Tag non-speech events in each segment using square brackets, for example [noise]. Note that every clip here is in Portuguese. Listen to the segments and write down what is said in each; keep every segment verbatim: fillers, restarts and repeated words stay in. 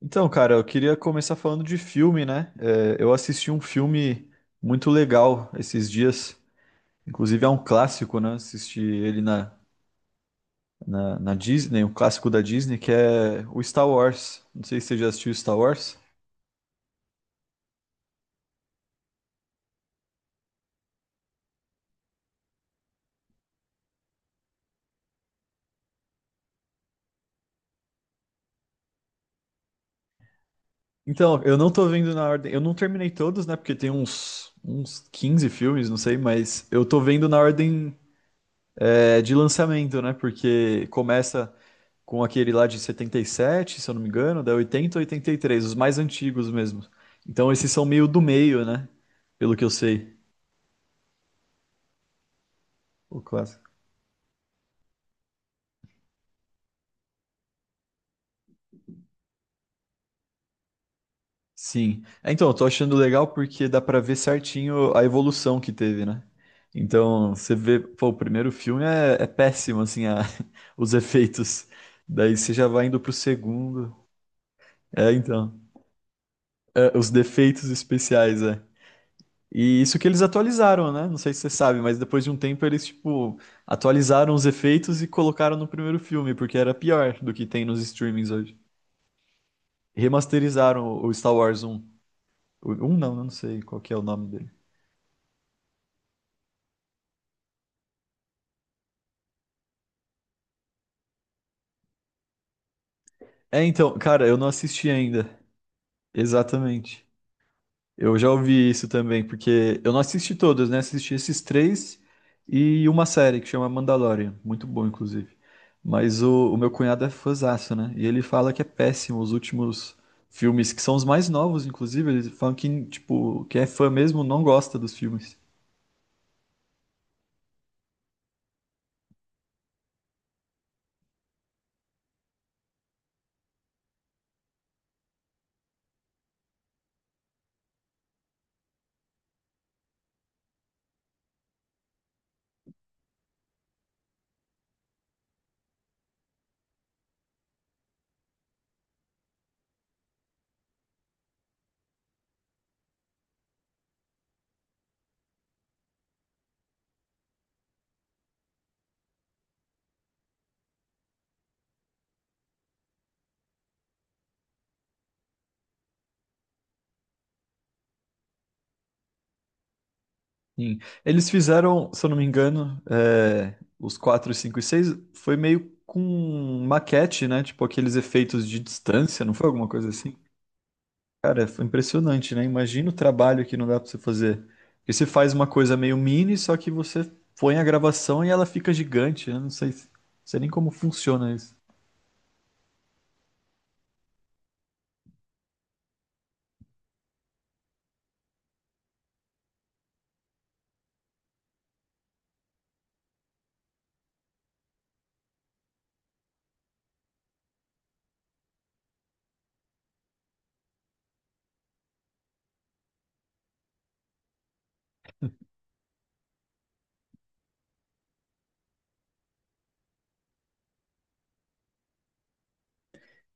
Então, cara, eu queria começar falando de filme, né? É, eu assisti um filme muito legal esses dias. Inclusive é um clássico, né? Assisti ele na, na, na Disney, um clássico da Disney, que é o Star Wars. Não sei se você já assistiu Star Wars. Então, eu não tô vendo na ordem. Eu não terminei todos, né? Porque tem uns, uns quinze filmes, não sei, mas eu tô vendo na ordem, é, de lançamento, né? Porque começa com aquele lá de setenta e sete, se eu não me engano, da oitenta ou oitenta e três, os mais antigos mesmo. Então esses são meio do meio, né? Pelo que eu sei, o clássico. Sim. É, Então, eu tô achando legal porque dá pra ver certinho a evolução que teve, né? Então, você vê, pô, o primeiro filme é, é péssimo, assim, a- [laughs] os efeitos. Daí você já vai indo pro segundo. É, então. É, os defeitos especiais, é. E isso que eles atualizaram, né? Não sei se você sabe, mas depois de um tempo eles, tipo, atualizaram os efeitos e colocaram no primeiro filme, porque era pior do que tem nos streamings hoje. Remasterizaram o o Star Wars um. O um não, eu não sei qual que é o nome dele. É, então, cara, eu não assisti ainda. Exatamente. Eu já ouvi isso também, porque eu não assisti todos, né? Assisti esses três e uma série que chama Mandalorian, muito bom, inclusive. Mas o, o meu cunhado é fãzaço, né? E ele fala que é péssimo os últimos filmes, que são os mais novos, inclusive. Eles falam que, tipo, quem é fã mesmo não gosta dos filmes. Sim. Eles fizeram, se eu não me engano, é, os quatro, cinco e seis, foi meio com maquete, né? Tipo, aqueles efeitos de distância, não foi alguma coisa assim? Cara, foi impressionante, né? Imagina o trabalho que não dá pra você fazer. Porque você faz uma coisa meio mini, só que você põe a gravação e ela fica gigante. Eu não sei, se- sei nem como funciona isso.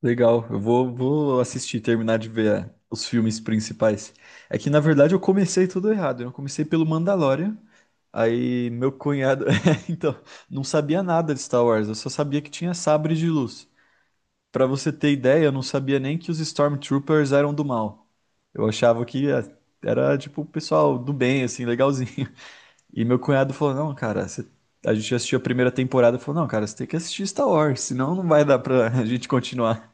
Legal, eu vou, vou assistir, terminar de ver é, os filmes principais. É que, na verdade, eu comecei tudo errado. Eu comecei pelo Mandalorian. Aí meu cunhado, [laughs] então, não sabia nada de Star Wars. Eu só sabia que tinha sabre de luz. Pra você ter ideia, eu não sabia nem que os Stormtroopers eram do mal. Eu achava que eh, era tipo o pessoal do bem, assim, legalzinho. [laughs] E meu cunhado falou: "Não, cara, você- a gente assistiu a primeira temporada." Falou: "Não, cara, você tem que assistir Star Wars, senão não vai dar pra [laughs] a gente continuar."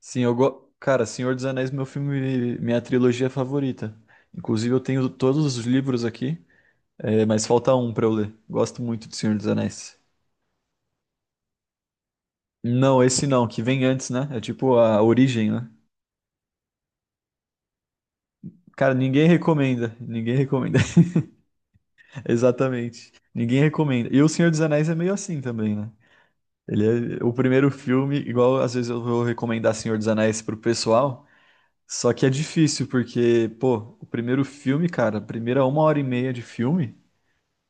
Sim, eu go... Cara, Senhor dos Anéis, meu filme, minha trilogia favorita. Inclusive, eu tenho todos os livros aqui, eh, mas falta um pra eu ler. Gosto muito de Senhor dos Anéis. Não, esse não, que vem antes, né? É tipo a origem, né? Cara, ninguém recomenda. Ninguém recomenda. [laughs] Exatamente. Ninguém recomenda. E O Senhor dos Anéis é meio assim também, né? Ele é o primeiro filme, igual às vezes eu vou recomendar Senhor dos Anéis pro pessoal. Só que é difícil, porque, pô, o primeiro filme, cara, a primeira uma hora e meia de filme,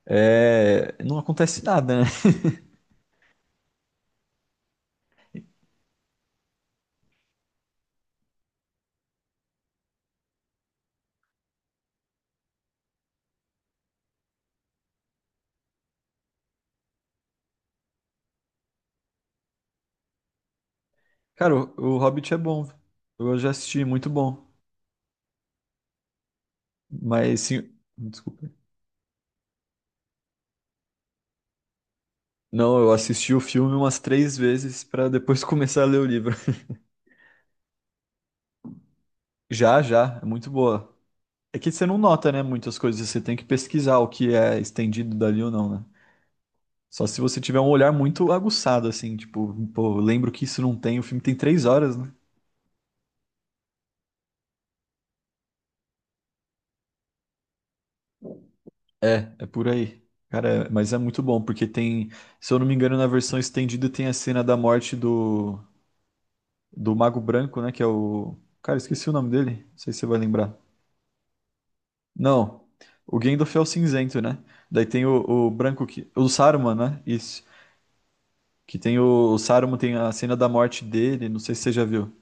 é... não acontece nada, né? [laughs] Cara, o, o Hobbit é bom. Eu já assisti, muito bom. Mas, sim... Desculpa. Não, eu assisti o filme umas três vezes pra depois [laughs] começar a ler o livro. Já, já, é muito boa. É que você não nota, né, muitas coisas, você tem que pesquisar o que é estendido dali ou não, né? Só se você tiver um olhar muito aguçado, assim, tipo, pô, eu lembro que isso não tem, o filme tem três horas, né? É, é por aí. Cara, é- mas é muito bom, porque tem, se eu não me engano, na versão estendida tem a cena da morte do, do Mago Branco, né, que é o... Cara, esqueci o nome dele, não sei se você vai lembrar. Não, o Gandalf é o cinzento, né? Daí tem o, o branco que... O Saruman, né? Isso. Que tem o, o Saruman, tem a cena da morte dele, não sei se você já viu.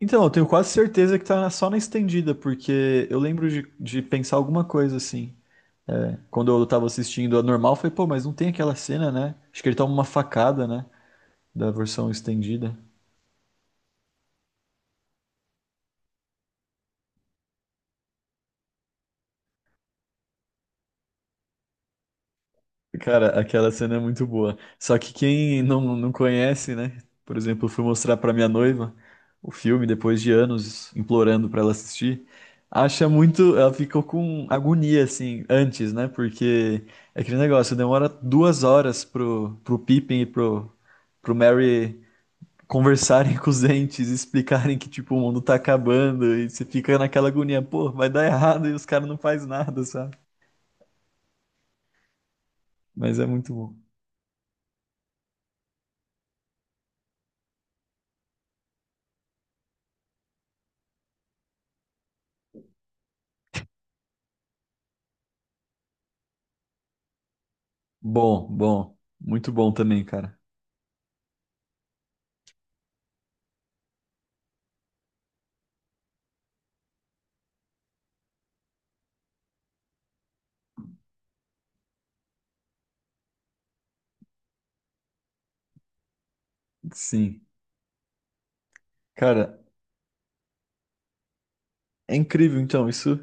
Então, eu tenho quase certeza que tá só na estendida, porque eu lembro de, de pensar alguma coisa assim. Quando eu tava assistindo a normal, eu falei, pô, mas não tem aquela cena, né? Acho que ele toma uma facada, né? Da versão estendida. Cara, aquela cena é muito boa. Só que quem não, não conhece, né? Por exemplo, eu fui mostrar pra minha noiva o filme depois de anos implorando pra ela assistir. Acha muito. Ela ficou com agonia, assim, antes, né? Porque é aquele negócio, demora duas horas pro, pro Pippin e pro, pro Merry conversarem [laughs] com os entes, explicarem que, tipo, o mundo tá acabando e você fica naquela agonia, pô, vai dar errado e os caras não fazem nada, sabe? Mas é muito bom. Bom, bom, muito bom também, cara. Sim. Cara, é incrível então, isso,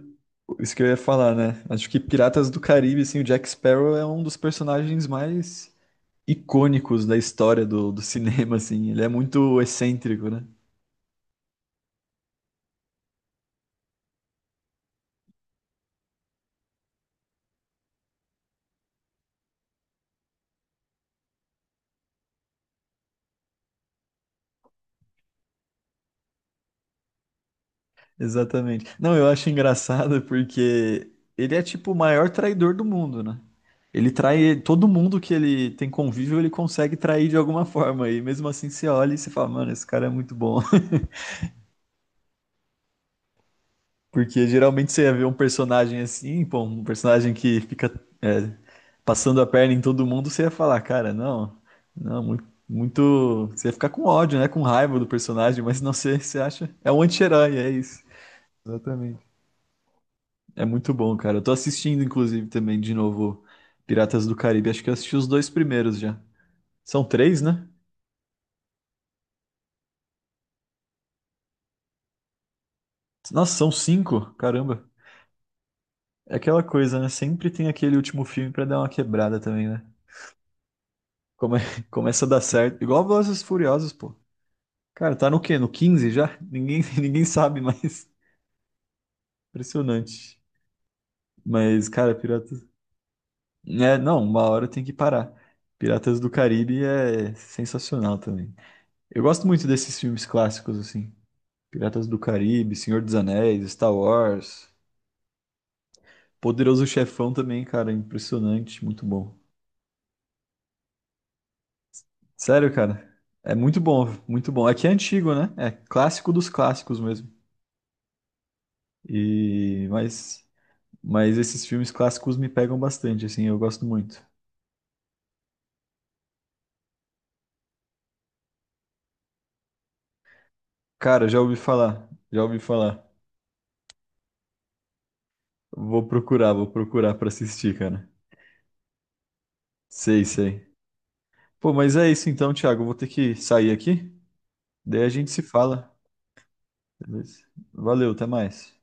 isso que eu ia falar, né? Acho que Piratas do Caribe, assim, o Jack Sparrow é um dos personagens mais icônicos da história do, do [laughs] cinema, assim. Ele é muito excêntrico, né? Exatamente. Não, eu acho engraçado porque ele é tipo o maior traidor do mundo, né? Ele trai todo mundo que ele tem convívio, ele consegue trair de alguma forma. E mesmo assim você olha e você fala, mano, esse cara é muito bom. Porque geralmente você ia ver um personagem assim, pô, um personagem que fica é, passando a perna em todo mundo, você ia falar, cara, não, não, muito, muito. Você ia ficar com ódio, né? Com raiva do personagem, mas não, você, você acha. É um anti-herói, é isso. Exatamente. É muito bom, cara. Eu tô assistindo, inclusive, também de novo Piratas do Caribe. Acho que eu assisti os dois primeiros já. São três, né? Nossa, são cinco. Caramba. É aquela coisa, né? Sempre tem aquele último filme pra dar uma quebrada também, né? Come- [laughs] Começa a dar certo. Igual Velozes e Furiosos, pô. Cara, tá no quê? No quinze já? Ninguém, [laughs] ninguém sabe mais. Impressionante. Mas, cara, Piratas. É, não, uma hora tem que parar. Piratas do Caribe é sensacional também. Eu gosto muito desses filmes clássicos, assim. Piratas do Caribe, Senhor dos Anéis, Star Wars. Poderoso Chefão também, cara. Impressionante. Muito bom. Sério, cara. É muito bom, muito bom. Aqui é antigo, né? É clássico dos clássicos mesmo. E mas Mas esses filmes clássicos me pegam bastante, assim, eu gosto muito. Cara, já ouvi falar, já ouvi falar. Vou procurar, vou procurar pra assistir, cara. Sei, sei. Pô, mas é isso então, Thiago. Vou ter que sair aqui. Daí a gente se fala. Beleza? Valeu, até mais.